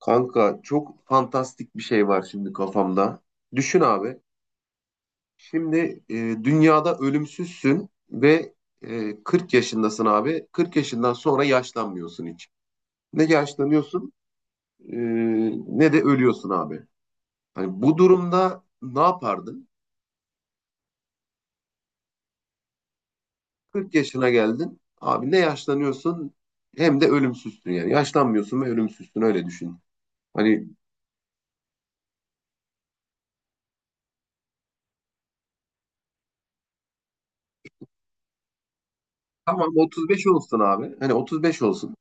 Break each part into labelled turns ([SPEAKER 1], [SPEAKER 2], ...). [SPEAKER 1] Kanka çok fantastik bir şey var şimdi kafamda. Düşün abi. Şimdi dünyada ölümsüzsün ve 40 yaşındasın abi. 40 yaşından sonra yaşlanmıyorsun hiç. Ne yaşlanıyorsun e, ne de ölüyorsun abi. Hani bu durumda ne yapardın? 40 yaşına geldin. Abi ne yaşlanıyorsun, hem de ölümsüzsün yani. Yaşlanmıyorsun ve ölümsüzsün, öyle düşün. Hani tamam, 35 olsun abi. Hani 35 olsun.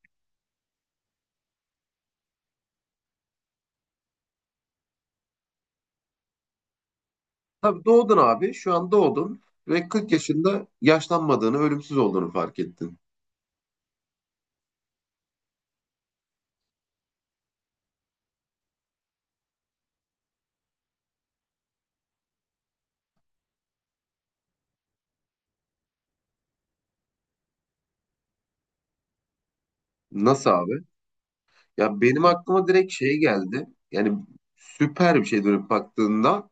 [SPEAKER 1] Tabii doğdun abi. Şu an doğdun ve 40 yaşında yaşlanmadığını, ölümsüz olduğunu fark ettin. Nasıl abi? Ya benim aklıma direkt şey geldi. Yani süper bir şey dönüp baktığında,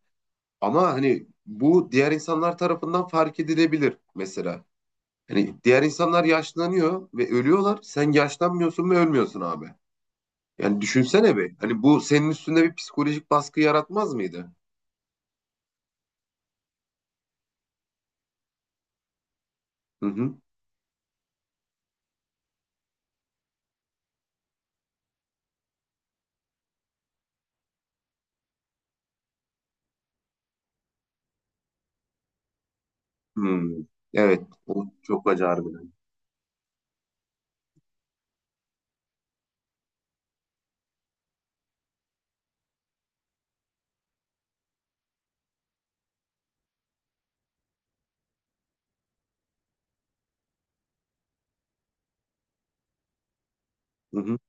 [SPEAKER 1] ama hani bu diğer insanlar tarafından fark edilebilir mesela. Hani diğer insanlar yaşlanıyor ve ölüyorlar. Sen yaşlanmıyorsun ve ölmüyorsun abi. Yani düşünsene bir. Hani bu senin üstünde bir psikolojik baskı yaratmaz mıydı? Hı hı. Hmm. Evet. O çok acı harbiden. Hı hı.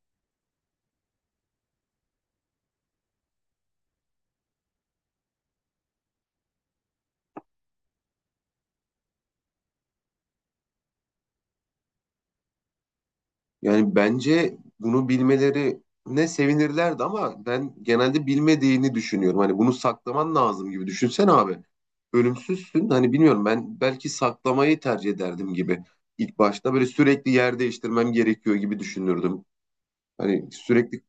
[SPEAKER 1] Yani bence bunu bilmelerine sevinirlerdi, ama ben genelde bilmediğini düşünüyorum. Hani bunu saklaman lazım gibi. Düşünsene abi. Ölümsüzsün. Hani bilmiyorum, ben belki saklamayı tercih ederdim gibi. İlk başta böyle sürekli yer değiştirmem gerekiyor gibi düşünürdüm. Hani sürekli.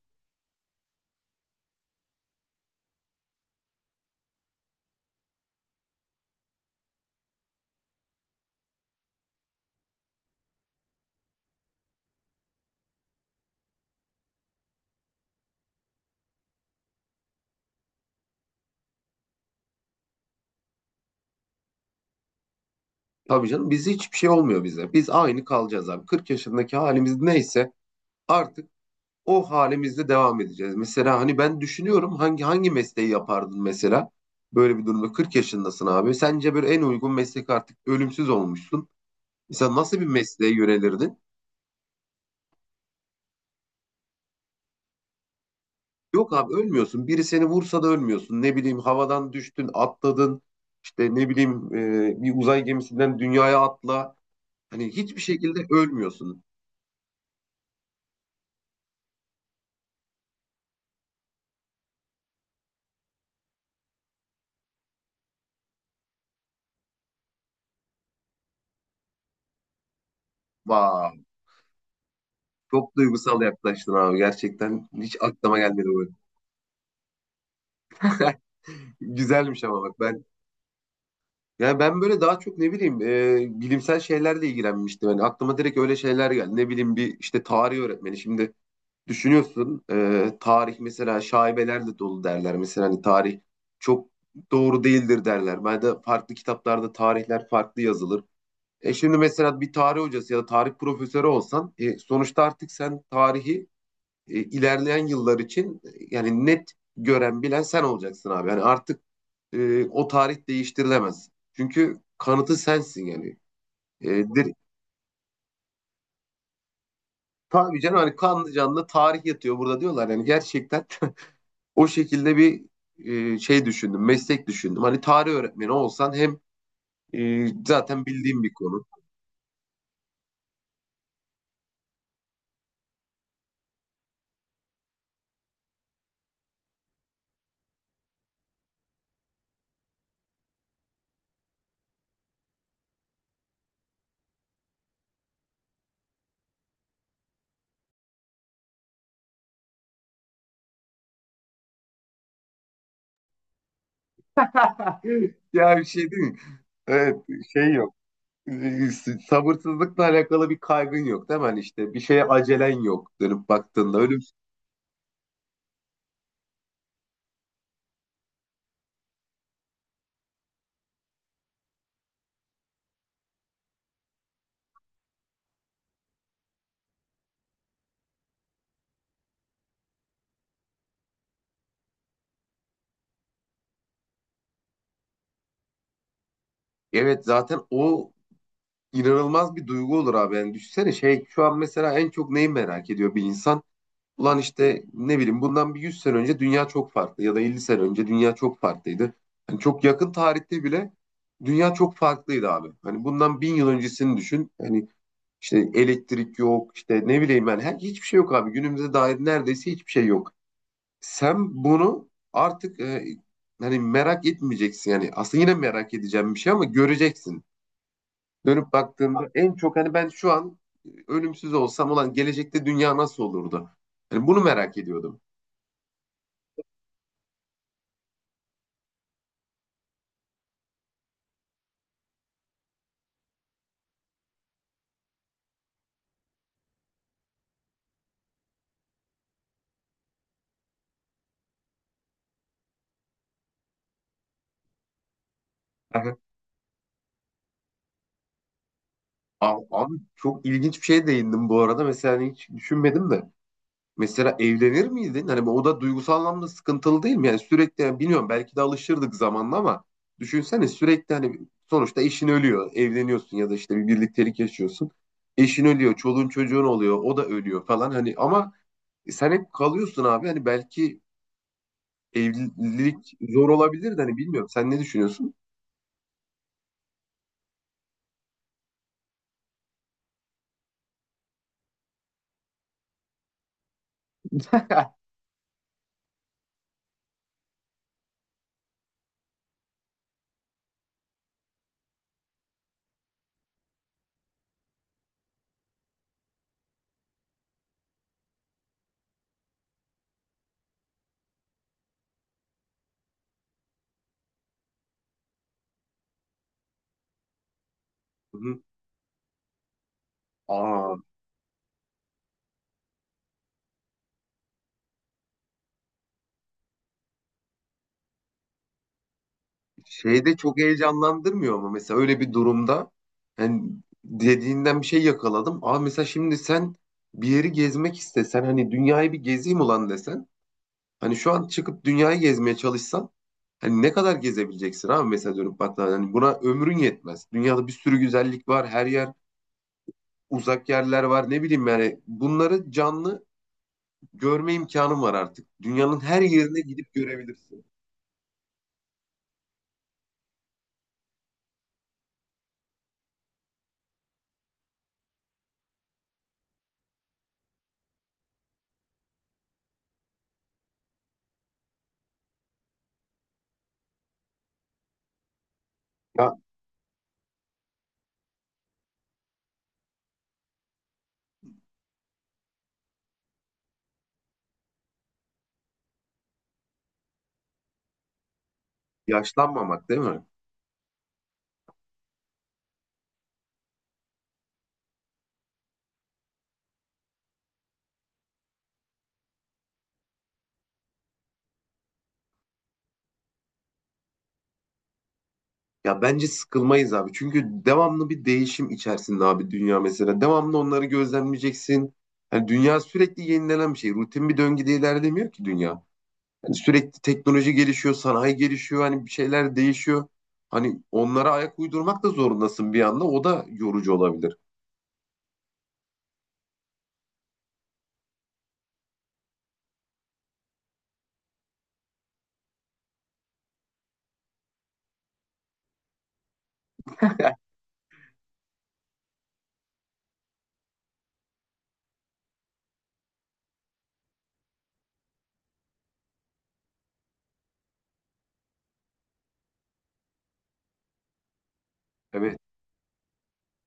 [SPEAKER 1] Tabii canım, biz hiçbir şey olmuyor bize. Biz aynı kalacağız abi. 40 yaşındaki halimiz neyse, artık o halimizde devam edeceğiz. Mesela hani ben düşünüyorum, hangi mesleği yapardın mesela? Böyle bir durumda 40 yaşındasın abi. Sence böyle en uygun meslek, artık ölümsüz olmuşsun. Mesela nasıl bir mesleğe yönelirdin? Yok abi, ölmüyorsun. Biri seni vursa da ölmüyorsun. Ne bileyim, havadan düştün, atladın. İşte ne bileyim, bir uzay gemisinden dünyaya atla. Hani hiçbir şekilde ölmüyorsun. Vay, çok duygusal yaklaştın abi gerçekten. Hiç aklıma gelmedi bu. Güzelmiş, ama bak ben. Yani ben böyle daha çok ne bileyim, bilimsel şeylerle ilgilenmiştim. Yani aklıma direkt öyle şeyler geldi. Ne bileyim, bir işte tarih öğretmeni. Şimdi düşünüyorsun, tarih mesela şaibelerle dolu derler. Mesela hani tarih çok doğru değildir derler. Ben de farklı kitaplarda tarihler farklı yazılır. Şimdi mesela bir tarih hocası ya da tarih profesörü olsan, sonuçta artık sen tarihi, ilerleyen yıllar için, yani net gören bilen sen olacaksın abi. Yani artık o tarih değiştirilemez. Çünkü kanıtı sensin yani. E, dir- tabii canım, hani kanlı canlı tarih yatıyor burada diyorlar. Yani gerçekten. O şekilde bir şey düşündüm, meslek düşündüm. Hani tarih öğretmeni olsan, hem zaten bildiğim bir konu. Ya bir şey değil mi? Evet, şey yok. E, Sabırsızlıkla alakalı bir kaygın yok değil mi? Hani işte bir şeye acelen yok dönüp baktığında. Evet, zaten o inanılmaz bir duygu olur abi. Yani düşünsene, şey, şu an mesela en çok neyi merak ediyor bir insan? Ulan işte ne bileyim, bundan bir 100 sene önce dünya çok farklı, ya da 50 sene önce dünya çok farklıydı. Yani çok yakın tarihte bile dünya çok farklıydı abi. Hani bundan 1.000 yıl öncesini düşün. Hani işte elektrik yok, işte ne bileyim ben hiçbir şey yok abi. Günümüze dair neredeyse hiçbir şey yok. Sen bunu artık, hani merak etmeyeceksin, yani aslında yine merak edeceğim bir şey, ama göreceksin. Dönüp baktığımda en çok, hani, ben şu an ölümsüz olsam olan gelecekte dünya nasıl olurdu? Hani bunu merak ediyordum. Aha. Abi, çok ilginç bir şeye değindim bu arada. Mesela hani hiç düşünmedim de. Mesela evlenir miydin? Hani o da duygusal anlamda sıkıntılı değil mi? Yani sürekli, yani bilmiyorum, belki de alışırdık zamanla, ama düşünsene, sürekli, hani, sonuçta eşin ölüyor. Evleniyorsun ya da işte bir birliktelik yaşıyorsun. Eşin ölüyor, çoluğun çocuğun oluyor, o da ölüyor falan, hani, ama sen hep kalıyorsun abi. Hani belki evlilik zor olabilir de, hani, bilmiyorum. Sen ne düşünüyorsun? Hı hı. Aa, şey de çok heyecanlandırmıyor, ama mesela öyle bir durumda hani, dediğinden bir şey yakaladım. Aa, mesela şimdi sen bir yeri gezmek istesen, hani dünyayı bir gezeyim ulan desen, hani şu an çıkıp dünyayı gezmeye çalışsan, hani ne kadar gezebileceksin abi. Mesela dönüp baktığında, hani, buna ömrün yetmez. Dünyada bir sürü güzellik var. Her yer, uzak yerler var. Ne bileyim, yani bunları canlı görme imkanım var artık. Dünyanın her yerine gidip görebilirsin. Ya, yaşlanmamak değil mi? Ya bence sıkılmayız abi. Çünkü devamlı bir değişim içerisinde abi dünya mesela. Devamlı onları gözlemleyeceksin. Yani dünya sürekli yenilenen bir şey. Rutin bir döngüde ilerlemiyor ki dünya. Yani sürekli teknoloji gelişiyor, sanayi gelişiyor, hani bir şeyler değişiyor. Hani onlara ayak uydurmak da zorundasın bir anda. O da yorucu olabilir. Evet.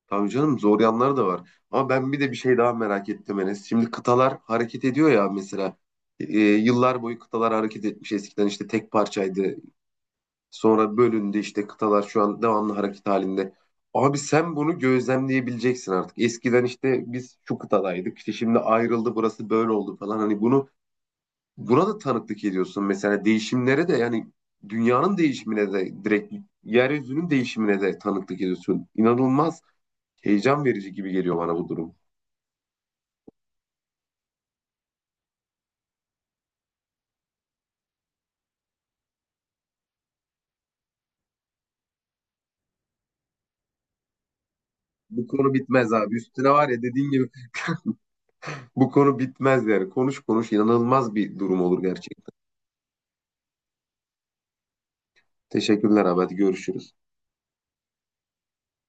[SPEAKER 1] Tabii canım, zor yanları da var. Ama ben bir de bir şey daha merak ettim Enes. Şimdi kıtalar hareket ediyor ya mesela. Yıllar boyu kıtalar hareket etmiş. Eskiden işte tek parçaydı. Sonra bölündü, işte kıtalar şu an devamlı hareket halinde. Abi sen bunu gözlemleyebileceksin artık. Eskiden işte biz şu kıtadaydık. İşte şimdi ayrıldı, burası böyle oldu falan. Hani bunu, buna da tanıklık ediyorsun. Mesela değişimlere de, yani, dünyanın değişimine de direkt, yeryüzünün değişimine de tanıklık ediyorsun. İnanılmaz heyecan verici gibi geliyor bana bu durum. Bu konu bitmez abi. Üstüne var ya, dediğin gibi bu konu bitmez yani. Konuş konuş, inanılmaz bir durum olur gerçekten. Teşekkürler abi. Hadi görüşürüz.